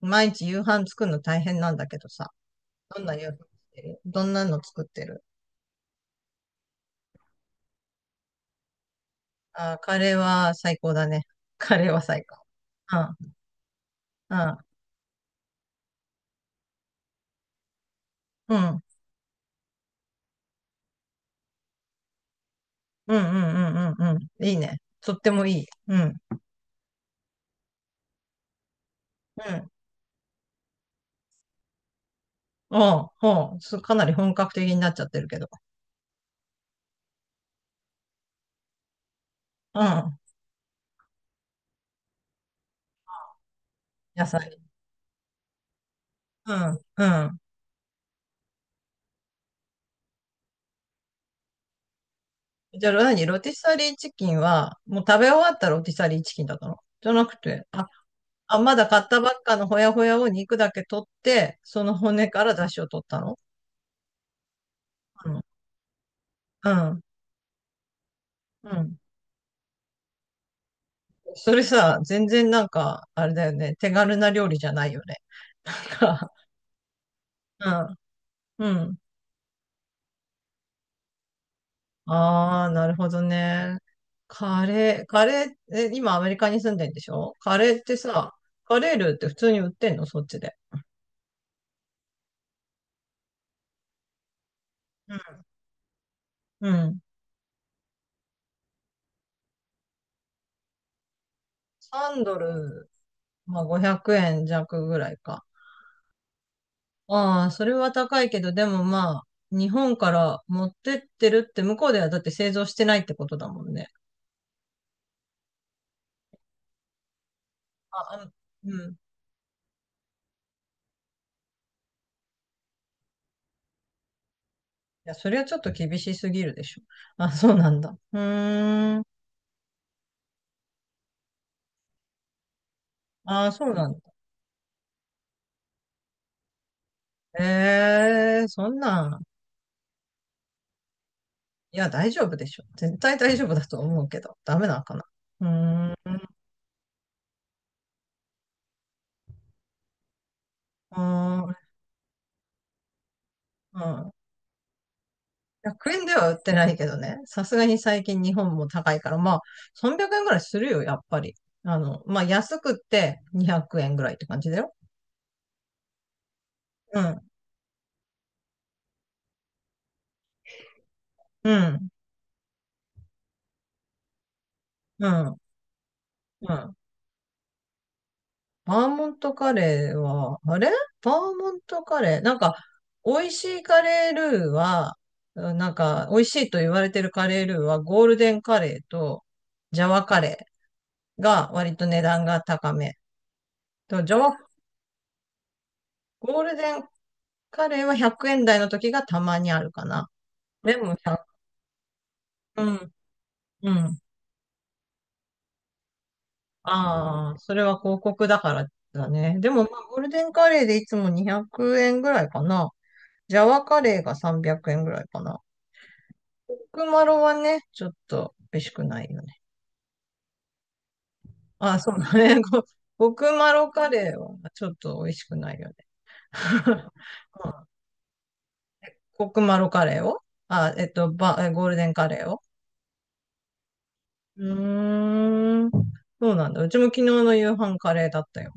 毎日夕飯作るの大変なんだけどさ。どんな夕飯作っどんなの作ってる？あー、カレーは最高だね。カレーは最高。うん、うん、うん、うん、うん、うん、うん。いいね。とってもいい。うん、うん。おう、おう、かなり本格的になっちゃってるけど。うん、野菜。うん、うん。じゃあ、ロティサリーチキンは、もう食べ終わったロティサリーチキンだったのじゃなくて、あ、まだ買ったばっかのほやほやを肉だけ取って、その骨から出汁を取ったの？うん。うん。それさ、全然なんか、あれだよね。手軽な料理じゃないよね。なんか、うん。うん。ああ、なるほどね。カレー、カレー、今アメリカに住んでんでしょ？カレーってさ、カレールーって普通に売ってんのそっちで？うん。うん。3ドル、まあ500円弱ぐらいか。ああ、それは高いけど、でもまあ、日本から持ってってるって向こうではだって製造してないってことだもんね。あ、あのうん。や、それはちょっと厳しすぎるでしょ。あ、そうなんだ。うーん。あ、そうなんだ。ええそんなん。いや、大丈夫でしょ。絶対大丈夫だと思うけど。ダメなのかな。うーん。あー、うん。100円では売ってないけどね。さすがに最近日本も高いから、まあ、300円ぐらいするよ、やっぱり。まあ、安くって200円ぐらいって感じだよ。うん。うん。うん。うん。バーモントカレーは、あれバーモントカレー。なんか、美味しいカレールーは、うんなんか、美味しいと言われてるカレールーは、ゴールデンカレーと、ジャワカレーが割と値段が高め。と、ジャワ、ゴールデンカレーは100円台の時がたまにあるかな。でも1。うん、うん。ああ、それは広告だからだね。でも、まあ、ゴールデンカレーでいつも200円ぐらいかな。ジャワカレーが300円ぐらいかな。クマロはね、ちょっと美味しくないよね。あ、そうだね。コクマロカレーはちょっと美味しくないよね。コクマロカレーをあ、えっと、ば、えゴールデンカレーを。うーん。そうなんだ。うちも昨日の夕飯カレーだったよ。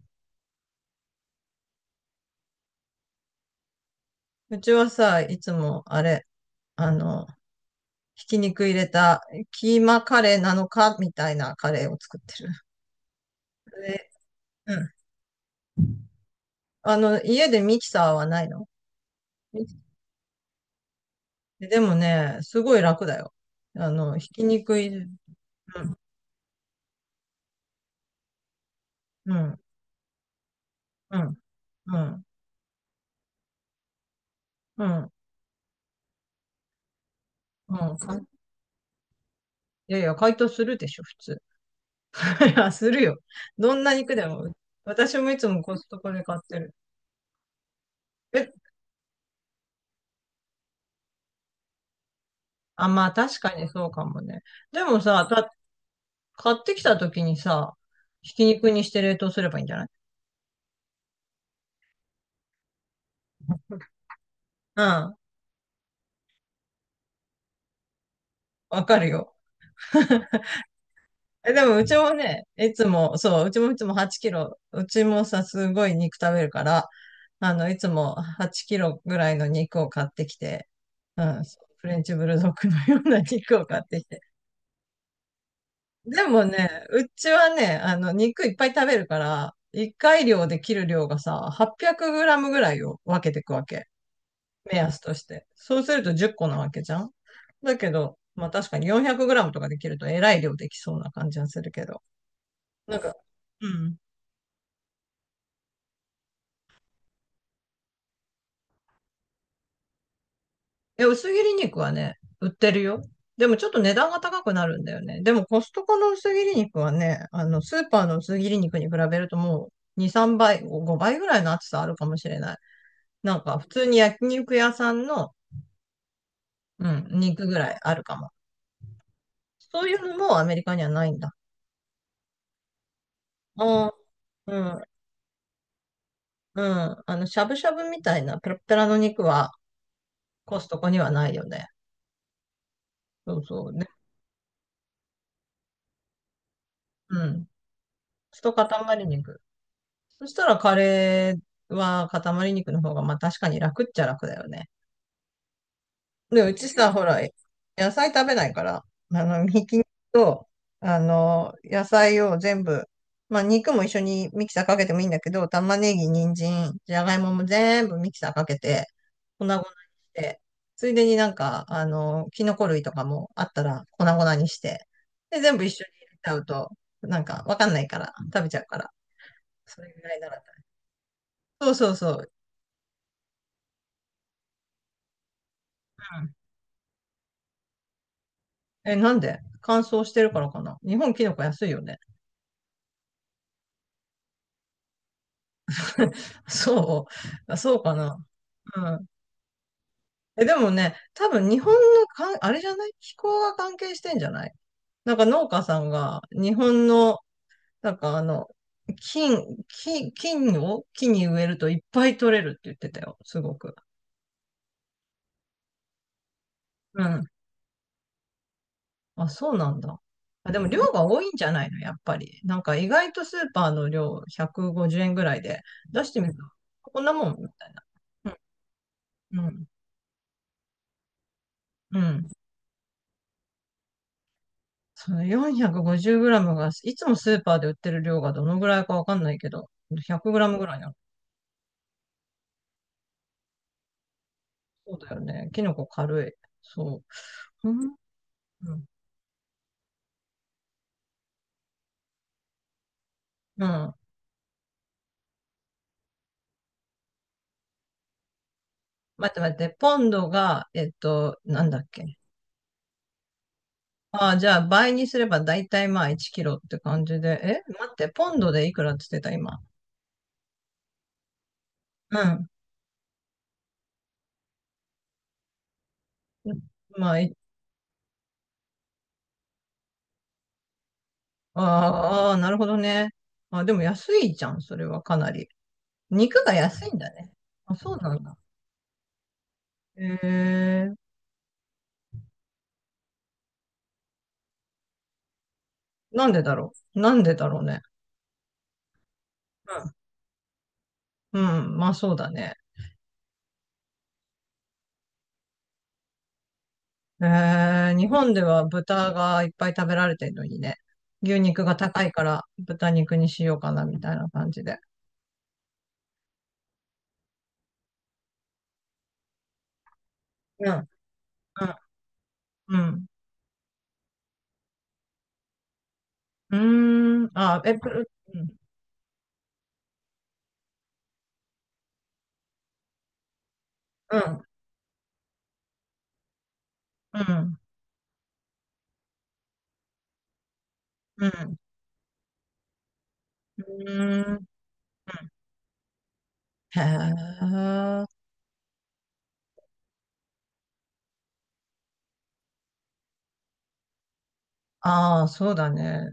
うちはさ、いつもあれ、あの、ひき肉入れたキーマカレーなのかみたいなカレーを作ってる。で、うん。家でミキサーはないの？ミでもね、すごい楽だよ。ひき肉いる？うん、うん、うん、うん、うん、うん。いやいや、解凍するでしょ、普通。いや、するよ。どんな肉でも。私もいつもコストコで買ってる。え、あ、まあ確かにそうかもね。でもさ、買ってきた時にさ、ひき肉にして冷凍すればいいんじゃない？うん、わかるよ。え、でもうちもね、いつも、そう、うちもいつも8キロ、うちもさ、すごい肉食べるから、いつも8キロぐらいの肉を買ってきて、うん、そうフレンチブルドッグのような肉を買ってきて。でもね、うちはね、肉いっぱい食べるから、1回量で切る量がさ、800グラムぐらいを分けていくわけ。目安として。そうすると10個なわけじゃん。だけど、まあ確かに400グラムとかできるとえらい量できそうな感じはするけど。なんか、うん。え、薄切り肉はね、売ってるよ。でもちょっと値段が高くなるんだよね。でもコストコの薄切り肉はね、スーパーの薄切り肉に比べるともう2、3倍、5倍ぐらいの厚さあるかもしれない。なんか普通に焼肉屋さんの、うん、肉ぐらいあるかも。そういうのもアメリカにはないんだ。ああ、うん、うん。しゃぶしゃぶみたいなペラペラの肉はコストコにはないよね。そうそう。ね、うん。一塊肉。そしたらカレーは塊肉の方が、まあ確かに楽っちゃ楽だよね。で、うちさ、ほら、野菜食べないから、ひき肉と、野菜を全部、まあ肉も一緒にミキサーかけてもいいんだけど、玉ねぎ、人参、じゃがいもも全部ミキサーかけて、粉々にして、ついでになんか、キノコ類とかもあったら粉々にして、で、全部一緒に入れちゃうと、なんかわかんないから、食べちゃうから、それぐらいなら。そうそうそう。え、なんで乾燥してるからかな？日本キノコ安いよね。そう。あそうかな。うん。え、でもね、多分日本のあれじゃない？気候が関係してんじゃない？なんか農家さんが日本の、なんかあの、金、金を木に植えるといっぱい取れるって言ってたよ。すごく。うん。あ、そうなんだ。あ、でも量が多いんじゃないのやっぱり。なんか意外とスーパーの量150円ぐらいで出してみる。とこんなもんみたいな。うん。うんうん。その4 5 0ムが、いつもスーパーで売ってる量がどのぐらいかわかんないけど、1 0 0ムぐらいなの。そうだよね。キノコ軽い。そう。うん。うん。うん。待って待って、ポンドが、なんだっけ。ああ、じゃあ倍にすれば大体まあ1キロって感じで。待って、ポンドでいくらって言ってた、今？うん。まあ、あーあー、なるほどね。あ、でも安いじゃん、それはかなり。肉が安いんだね。あ、そうなんだ。へえ。なんでだろう。なんでだろうね。うん、うんまあそうだね。え日本では豚がいっぱい食べられてるのにね。牛肉が高いから豚肉にしようかなみたいな感じで。うん、うん。うん。うーん。あ、え、ぷる、うん。うん、うん。うん。うん。へえ。ああ、そうだね。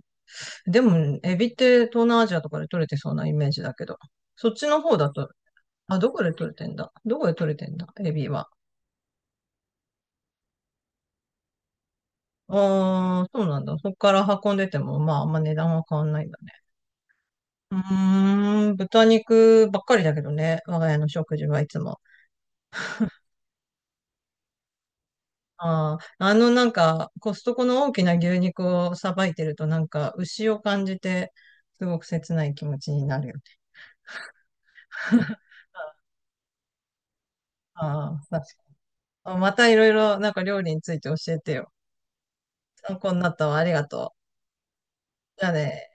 でも、エビって東南アジアとかで取れてそうなイメージだけど。そっちの方だと、あ、どこで取れてんだエビは？ああ、そうなんだ。そこから運んでても、まあ、あんま値段は変わんないんだね。うーん、豚肉ばっかりだけどね、我が家の食事はいつも。ああ、なんか、コストコの大きな牛肉をさばいてると、なんか、牛を感じて、すごく切ない気持ちになるよね。ああ、確かに。またいろいろ、なんか料理について教えてよ。参考になったわ。ありがとう。じゃあね。